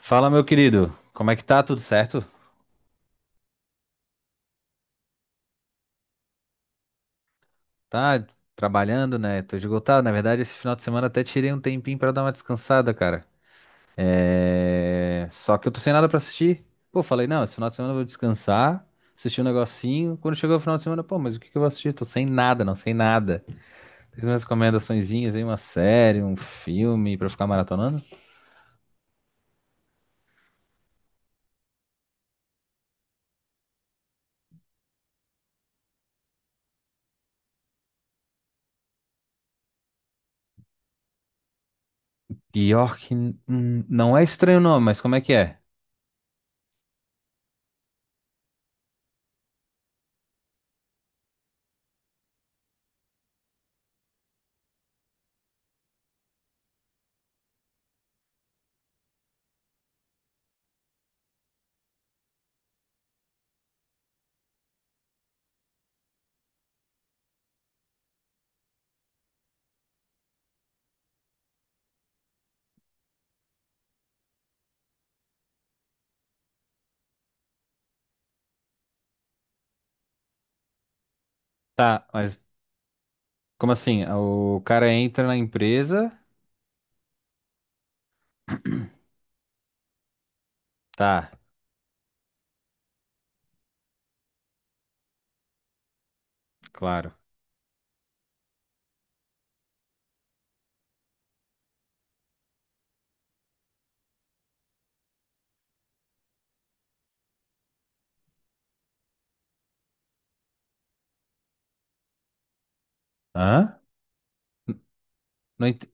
Fala, meu querido. Como é que tá? Tudo certo? Tá trabalhando, né? Tô esgotado. Na verdade, esse final de semana até tirei um tempinho pra dar uma descansada, cara. É... só que eu tô sem nada pra assistir. Pô, falei, não, esse final de semana eu vou descansar, assistir um negocinho. Quando chegou o final de semana, pô, mas o que que eu vou assistir? Tô sem nada, não, sem nada. Tem umas recomendaçõezinhas aí, uma série, um filme pra ficar maratonando? Pior que... não é estranho o nome, mas como é que é? Tá, mas como assim? O cara entra na empresa... Tá. Claro. Hã? Não ent-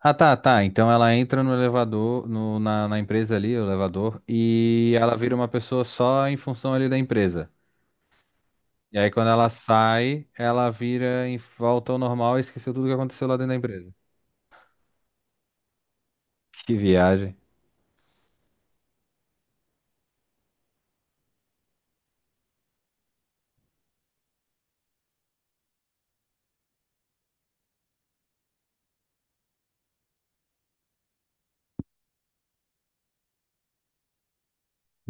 Ah, tá, tá. Então ela entra no elevador, na empresa ali, o elevador, e ela vira uma pessoa só em função ali da empresa. E aí quando ela sai, ela vira em volta ao normal e esqueceu tudo que aconteceu lá dentro da empresa. Que viagem.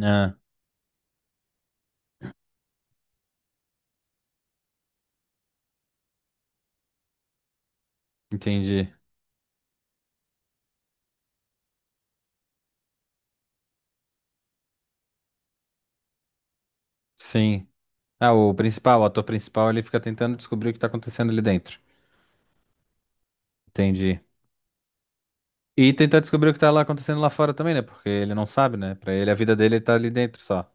Ah, entendi. Sim. Ah, o principal, o ator principal, ele fica tentando descobrir o que tá acontecendo ali dentro. Entendi. E tentar descobrir o que tá lá acontecendo lá fora também, né? Porque ele não sabe, né? Pra ele, a vida dele tá ali dentro só.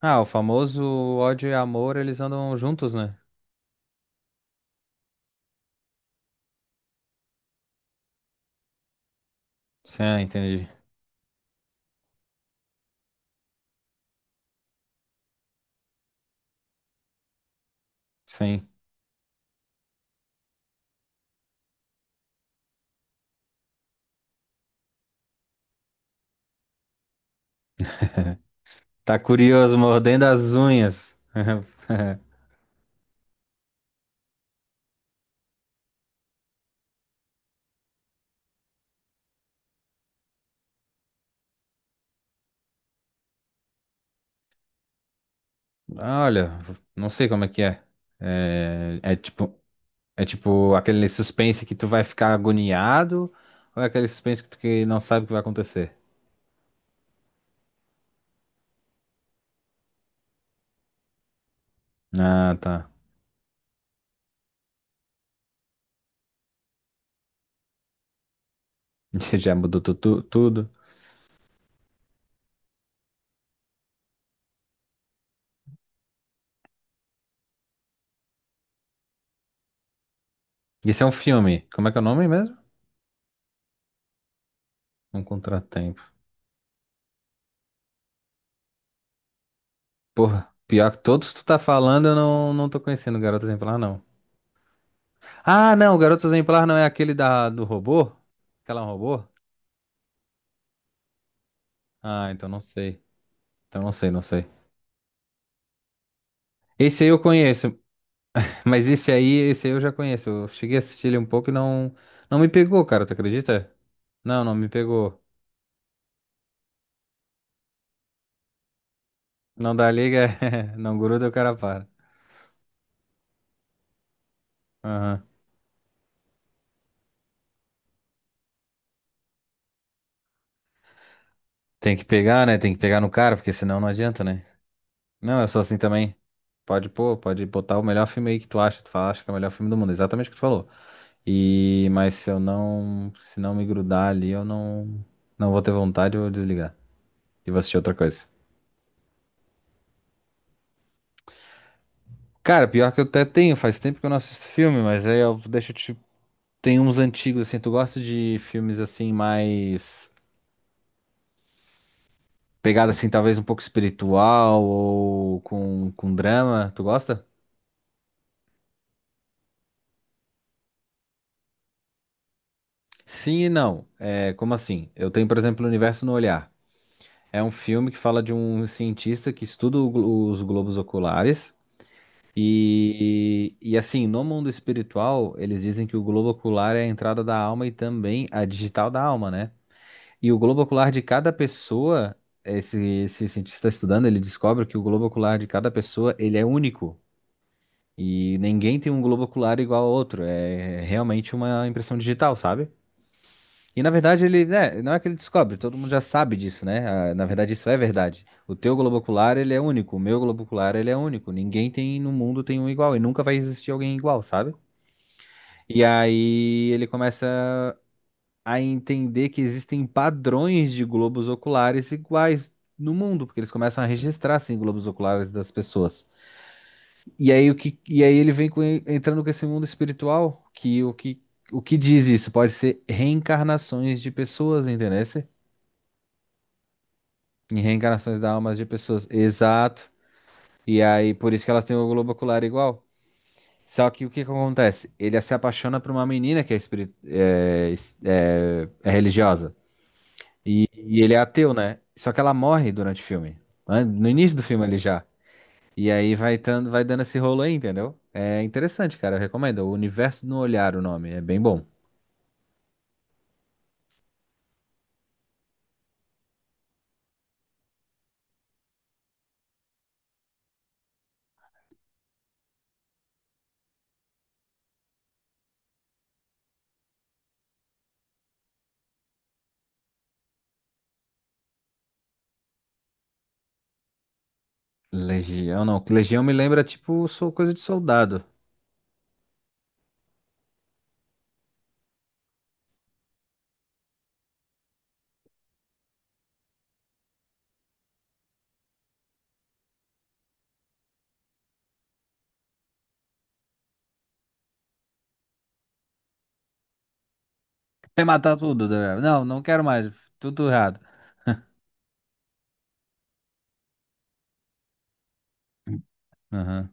Ah, o famoso ódio e amor, eles andam juntos, né? Sim, ah, entendi. Sim. Tá curioso, mordendo as unhas. Olha, não sei como é que é. É, é tipo, é tipo aquele suspense que tu vai ficar agoniado, ou é aquele suspense que tu que não sabe o que vai acontecer? Ah, tá. Já mudou tudo. Isso é um filme. Como é que é o nome mesmo? Um Contratempo. Porra, pior que todos que tu tá falando, eu não, não tô conhecendo Garota Exemplar, não. Ah, não, o Garoto Exemplar não é aquele do robô? Aquela é um robô? Ah, então não sei. Então não sei, não sei. Esse aí eu conheço, mas esse aí eu já conheço. Eu cheguei a assistir ele um pouco e não me pegou, cara, tu acredita? Não, não me pegou. Não dá liga, não gruda, o cara para. Aham. Tem que pegar, né? Tem que pegar no cara, porque senão não adianta, né? Não, eu sou assim também. Pode pôr, pode botar o melhor filme aí que tu acha, tu fala, acha que é o melhor filme do mundo. Exatamente o que tu falou. E mas se não me grudar ali, eu não não vou ter vontade, eu vou desligar e vou assistir outra coisa. Cara, pior que eu até tenho, faz tempo que eu não assisto filme, mas aí eu deixa tipo tem uns antigos assim, tu gosta de filmes assim mais pegada assim, talvez um pouco espiritual ou com drama, tu gosta? Sim e não. É, como assim? Eu tenho, por exemplo, O Universo no Olhar. É um filme que fala de um cientista que estuda os globos oculares. E assim, no mundo espiritual, eles dizem que o globo ocular é a entrada da alma e também a digital da alma, né? E o globo ocular de cada pessoa, esse, esse cientista estudando, ele descobre que o globo ocular de cada pessoa, ele é único. E ninguém tem um globo ocular igual ao outro. É realmente uma impressão digital, sabe? E na verdade ele, né, não é que ele descobre, todo mundo já sabe disso, né? Ah, na verdade isso é verdade. O teu globo ocular, ele é único, o meu globo ocular, ele é único. Ninguém tem no mundo tem um igual e nunca vai existir alguém igual, sabe? E aí ele começa a entender que existem padrões de globos oculares iguais no mundo, porque eles começam a registrar assim globos oculares das pessoas. E aí o que e aí ele entrando com esse mundo espiritual, que o que diz isso pode ser reencarnações de pessoas, entendeu? Em reencarnações da almas de pessoas. Exato. E aí, por isso que elas têm o globo ocular igual. Só que o que que acontece? Ele se apaixona por uma menina que é, é religiosa. E ele é ateu, né? Só que ela morre durante o filme. Né? No início do filme ele já. E aí vai, tando, vai dando esse rolo aí, entendeu? É interessante, cara. Eu recomendo. O Universo no Olhar, o nome. É bem bom. Legião, não. Legião me lembra, tipo, sou coisa de soldado. Quer matar tudo, né? Não, não quero mais. Tudo errado. Aham.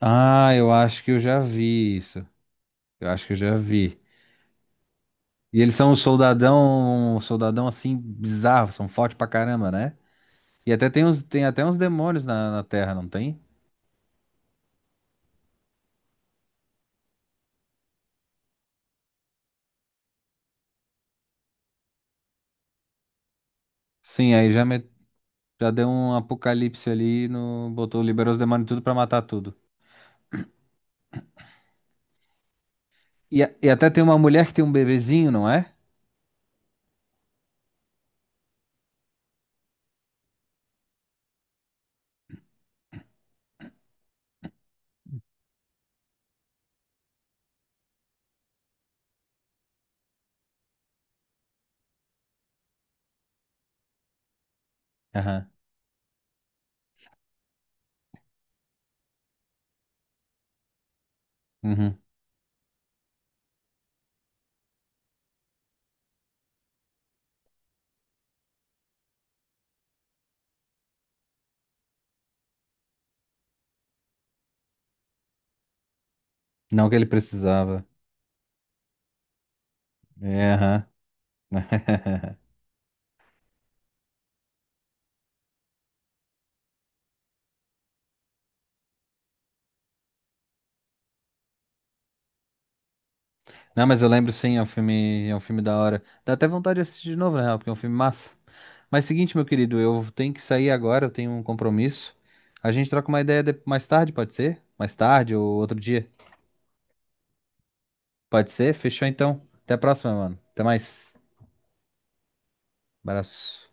Ah, eu acho que eu já vi isso. Eu acho que eu já vi. E eles são um soldadão assim bizarro, são fortes pra caramba, né? E até tem uns, tem até uns demônios na Terra, não tem? Sim, aí já, já deu um apocalipse ali, no, botou, liberou os demônios tudo pra matar tudo. E, e até tem uma mulher que tem um bebezinho, não é? Aham. Uhum. Não que ele precisava. É, aham. Não, mas eu lembro sim, é um filme da hora. Dá até vontade de assistir de novo, na real, porque é um filme massa. Mas seguinte, meu querido, eu tenho que sair agora, eu tenho um compromisso. A gente troca uma ideia mais tarde, pode ser? Mais tarde ou outro dia. Pode ser? Fechou então. Até a próxima, mano. Até mais. Abraço.